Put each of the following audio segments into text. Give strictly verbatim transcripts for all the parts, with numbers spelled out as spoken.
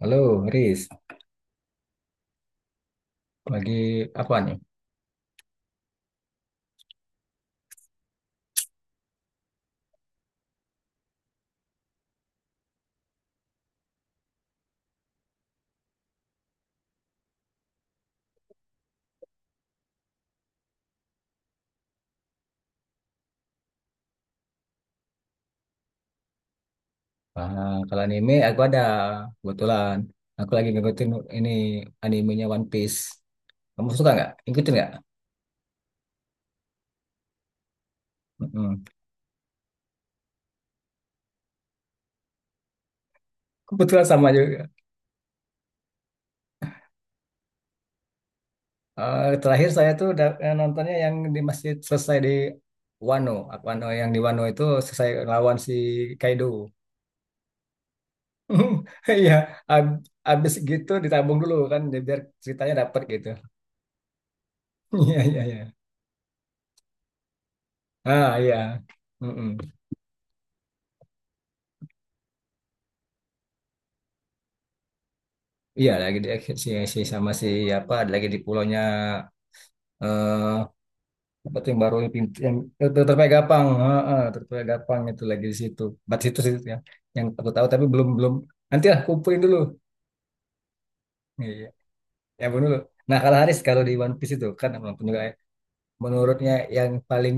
Halo, Riz. Lagi apa nih? Ah, kalau anime aku ada kebetulan. Aku lagi ngikutin ini animenya One Piece. Kamu suka nggak? Ikutin nggak? Mm-mm. Kebetulan sama juga. Ah, terakhir saya tuh udah eh, nontonnya yang di masjid, selesai di Wano. Wano, yang di Wano itu selesai lawan si Kaido. Iya, ab- abis gitu ditabung dulu kan, biar ceritanya dapet gitu. Iya, iya, iya. Ah, iya. Mm-mm. Iya lagi di si, si sama si apa, lagi di pulaunya eh apa tuh yang baru, pintu yang eh, Terpai Gapang, heeh, Terpai Gapang itu lagi di situ, bat situ sih yang yang aku tahu, tapi belum, belum, nanti lah kumpulin dulu, iya, ya belum dulu. Nah, kalau Haris kalau di One Piece itu kan, walaupun juga ya, menurutnya yang paling,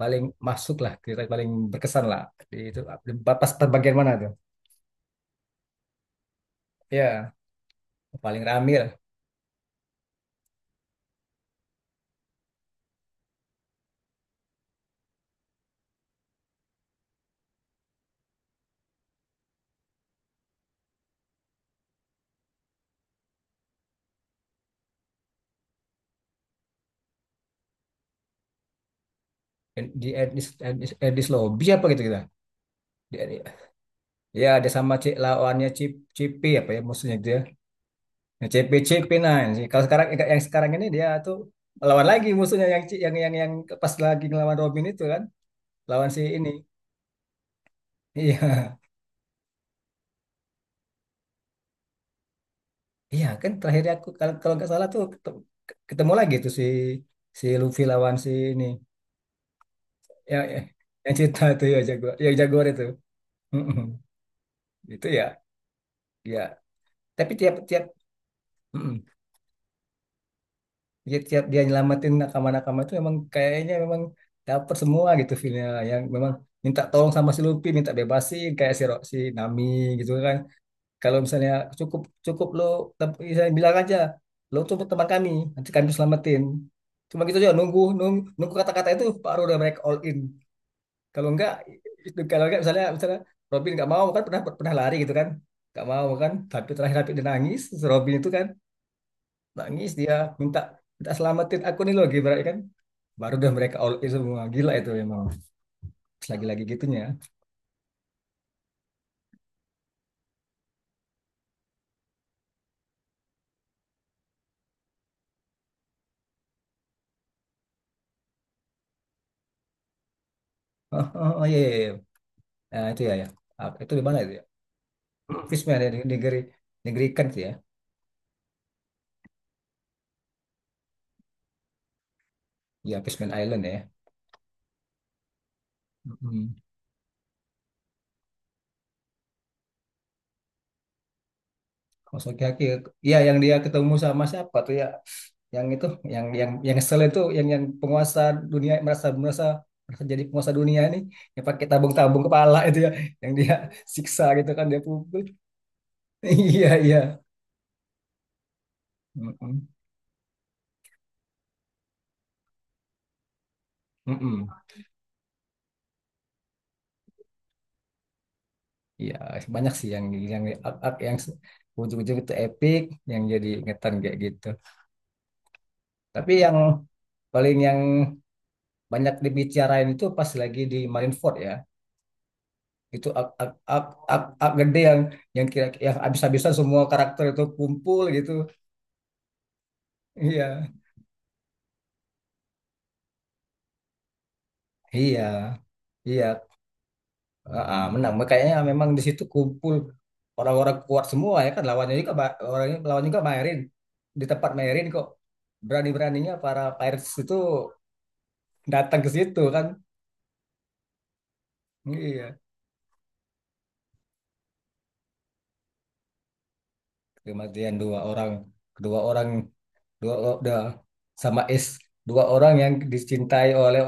paling masuk lah, kita paling berkesan lah di itu, di- pas bagian mana tuh? Iya paling rame lah. Di Edis, Edis, Edis Lobby apa gitu, kita. Ya, ada sama C, lawannya Cip, Cipi apa ya musuhnya dia. Nah, Cipi, Cipi, nah ini sih. Kalau sekarang, yang sekarang ini dia tuh lawan lagi musuhnya yang Ci- yang yang yang pas lagi ngelawan Robin itu kan, lawan si ini. Iya. Iya kan terakhir aku kalau kalau nggak salah tuh ketemu, ketemu lagi tuh si si Luffy lawan si ini. Ya, ya. Yang cerita itu ya jago ya, jaguar itu. Mm-mm. Itu ya. Ya. Tapi tiap tiap mm-mm, dia tiap dia nyelamatin nakama-nakama itu emang kayaknya memang dapet semua gitu feelnya, yang memang minta tolong sama si Luffy minta bebasin kayak si Ro- si Nami gitu kan. Kalau misalnya cukup, cukup lo, tem- misalnya bilang aja lo tuh teman kami, nanti kami selamatin. Cuma gitu aja, nunggu, nunggu, nunggu kata-kata itu, baru udah mereka all in. Kalau enggak, itu kalau enggak, misalnya, misalnya Robin nggak mau kan, pernah, pernah lari gitu kan, nggak mau kan, tapi terakhir, tapi dia nangis, si Robin itu kan nangis dia, minta, minta selamatin aku nih loh gitu kan, baru dah mereka all in semua, gila itu memang. Terus lagi-lagi gitunya. Oh, oh, oh, iya, iya, iya. Nah, itu ya, ya. Ah, itu di mana itu ya? Fishman ya, di negeri, negeri ikan tuh ya. Ya, Fishman Island ya. Mm. Maksudnya, ya yang dia ketemu sama siapa tuh ya, yang itu yang yang yang sel itu, yang yang penguasa dunia, merasa, merasa, merasa jadi penguasa dunia ini, yang pakai tabung-tabung kepala itu ya, yang dia siksa gitu kan, dia pukul. Iya, iya. Mm-mm. Mm-mm. Iya, banyak sih yang yang arc yang se- ujung-ujung itu epic, yang jadi ingetan kayak gitu. Tapi yang paling, yang banyak dibicarain itu pas lagi di Marineford ya. Itu arc, arc, arc, arc, arc gede yang yang kira, yang habis-habisan semua karakter itu kumpul gitu. Iya. Iya. Iya. Ah, ah, menang. Kayaknya memang di situ kumpul orang-orang kuat semua ya kan, lawannya juga ba- orangnya, lawannya juga Maerin. Di tempat Maerin kok berani-beraninya para pirates itu datang ke situ kan. Iya, kematian dua orang, dua orang, dua, udah, sama Es, dua orang yang dicintai oleh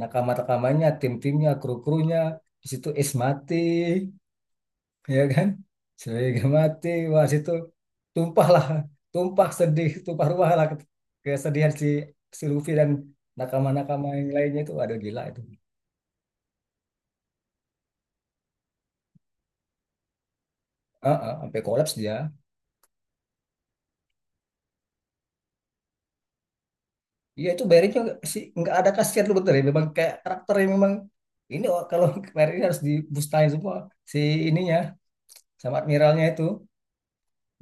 nakama-nakamanya, tim-timnya, kru-krunya di situ, Es mati ya kan. Sehingga mati, wah situ tumpahlah, tumpah sedih, tumpah ruah lah, kesedihan si si Luffy dan nakama-nakama yang lainnya itu, aduh gila itu. Ah, ah, sampai kolaps dia. Iya itu bayarinnya nggak sih, nggak ada kasihan tuh, bener ya, memang kayak karakternya memang ini, oh, kalau bayarin harus dibustain semua si ininya sama admiralnya itu,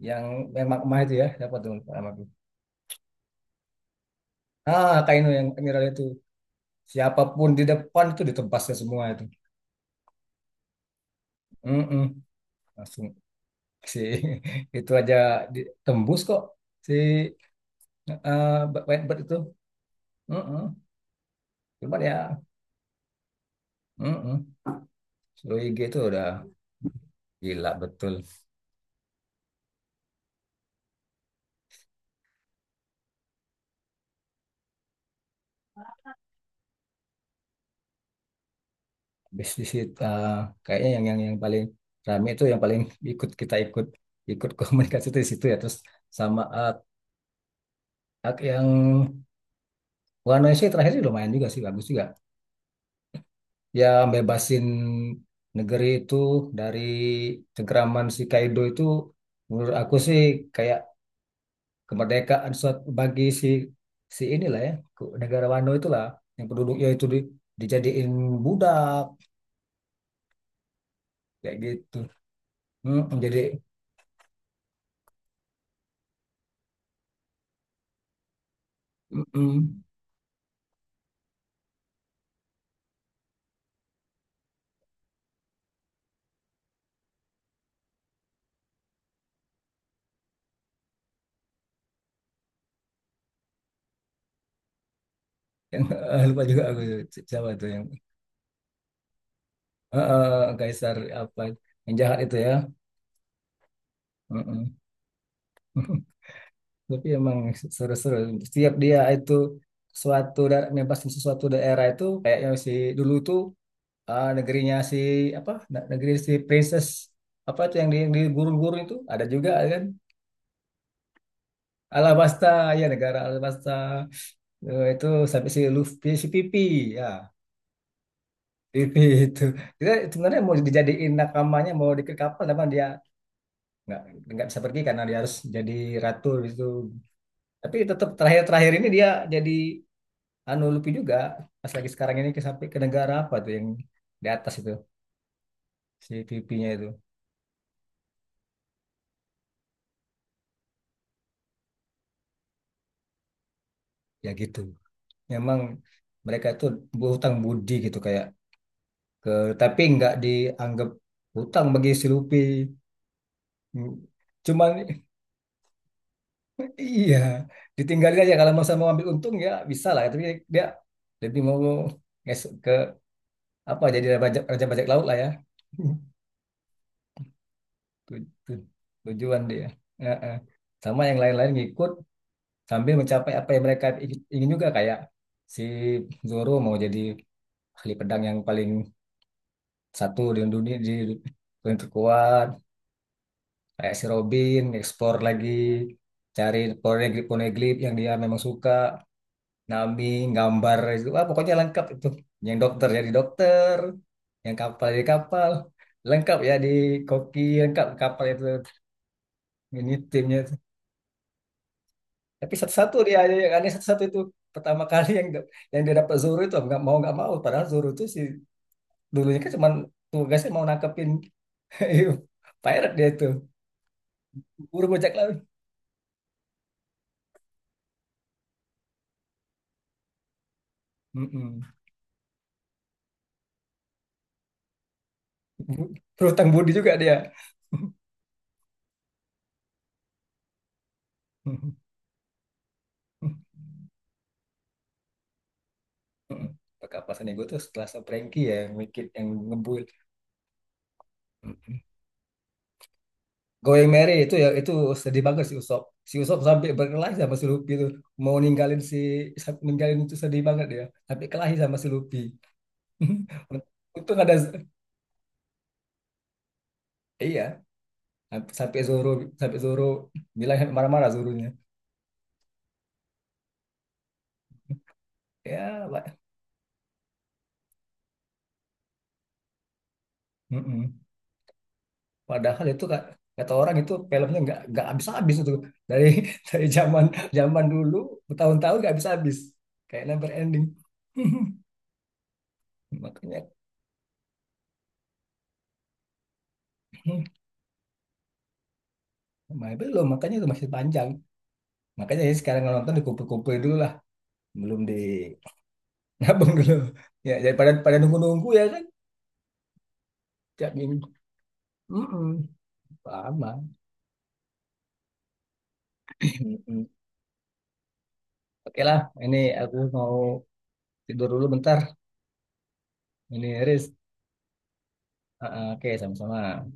yang memang emak itu ya, siapa tuh lupa nama aku. Ah Kaino, yang admiral itu, siapapun di depan itu ditebasnya semua itu. Mm-mm. Langsung si itu aja ditembus kok si eh Ba- Whitebird itu. Mm-mm. Cuman ya. Mm-mm. Suluigi itu udah gila betul. Bisnis itu kayaknya yang yang yang paling rame itu, yang paling ikut, kita ikut, ikut komunikasi itu di situ ya. Terus sama ak, ak yang Wano sih terakhir sih lumayan juga sih, bagus juga ya. Bebasin negeri itu dari cengkraman si Kaido itu, menurut aku sih, kayak kemerdekaan suatu bagi si si inilah ya, ke- negara Wano itulah, yang penduduknya itu di, dijadiin budak kayak gitu. Mm, jadi mm, yang lupa juga aku, si- siapa tuh yang eh, eh, Kaisar apa yang jahat itu ya. Mm-mm. Tapi emang seru-seru setiap dia itu suatu daerah mempasin sesuatu daerah itu, kayaknya si dulu tuh, eh, negerinya si apa, ne- negeri si princess apa tuh yang di, yang di gurun-gurun itu ada juga kan. Alabasta, ya negara Alabasta. Eh, itu sampai si Luffy si Pipi ya. Pipi itu kita sebenarnya mau dijadiin nakamanya, mau diikat kapal, tapi dia nggak nggak bisa pergi karena dia harus jadi ratu gitu. Tapi tetap terakhir-terakhir ini dia jadi anu Luffy juga, pas lagi sekarang ini ke, sampai ke negara apa tuh yang di atas itu si pipinya itu. Ya gitu memang mereka itu berhutang budi gitu kayak ke, tapi nggak dianggap hutang bagi si Luffy, cuman iya ditinggalin aja, kalau mau sama ambil untung ya bisa lah, tapi dia lebih mau nges- ke apa, jadi raja, raja bajak laut lah ya. tu- tu- Tujuan dia. Ya, eh. Sama yang lain-lain ngikut, sambil mencapai apa yang mereka i- ingin juga, kayak si Zoro mau jadi ahli pedang yang paling satu di dunia, di paling terkuat. Kayak si Robin eksplor lagi, cari poneglyph, poneglyph yang dia memang suka. Nami gambar itu, ah, pokoknya lengkap itu, yang dokter jadi dokter, yang kapal jadi kapal, lengkap ya di koki, lengkap kapal itu, ini timnya. Tapi satu-satu dia yang aneh satu-satu itu, pertama kali yang yang dia dapat Zoro itu nggak mau nggak mau, padahal Zoro itu si dulunya kan cuma tugasnya mau nangkepin pirate dia itu, buru bajak laut. Mm-mm. Bu- Berhutang budi juga dia. Mm-mm. Perkapasan ego tuh setelah sama Frankie ya, yang mikir yang ngebul. Mm-mm. Going Merry itu ya itu, sedih banget si Usop. Si Usop sampai berkelahi sama si Luffy tuh mau ninggalin si, ninggalin itu sedih banget dia. Sampai kelahi sama si Luffy. Untung ada, iya, sampai Zoro, sampai Zoro bilang sampai marah-marah Zoronya. Ya, Pak. Mm-mm. Padahal itu kak, kata orang itu filmnya nggak nggak habis-habis itu, dari dari zaman, zaman dulu bertahun-tahun nggak habis-habis, kayak never ending. Makanya makanya belum, makanya itu masih panjang. Makanya ya sekarang kalau nonton dikumpul-kumpul dulu lah, belum di nabung dulu. Ya daripada pada nunggu-nunggu ya kan, tiap minggu. Mm-mm. Lama. Oke lah, ini aku mau tidur dulu bentar. Ini Riz. Ah, ah, oke, sama-sama.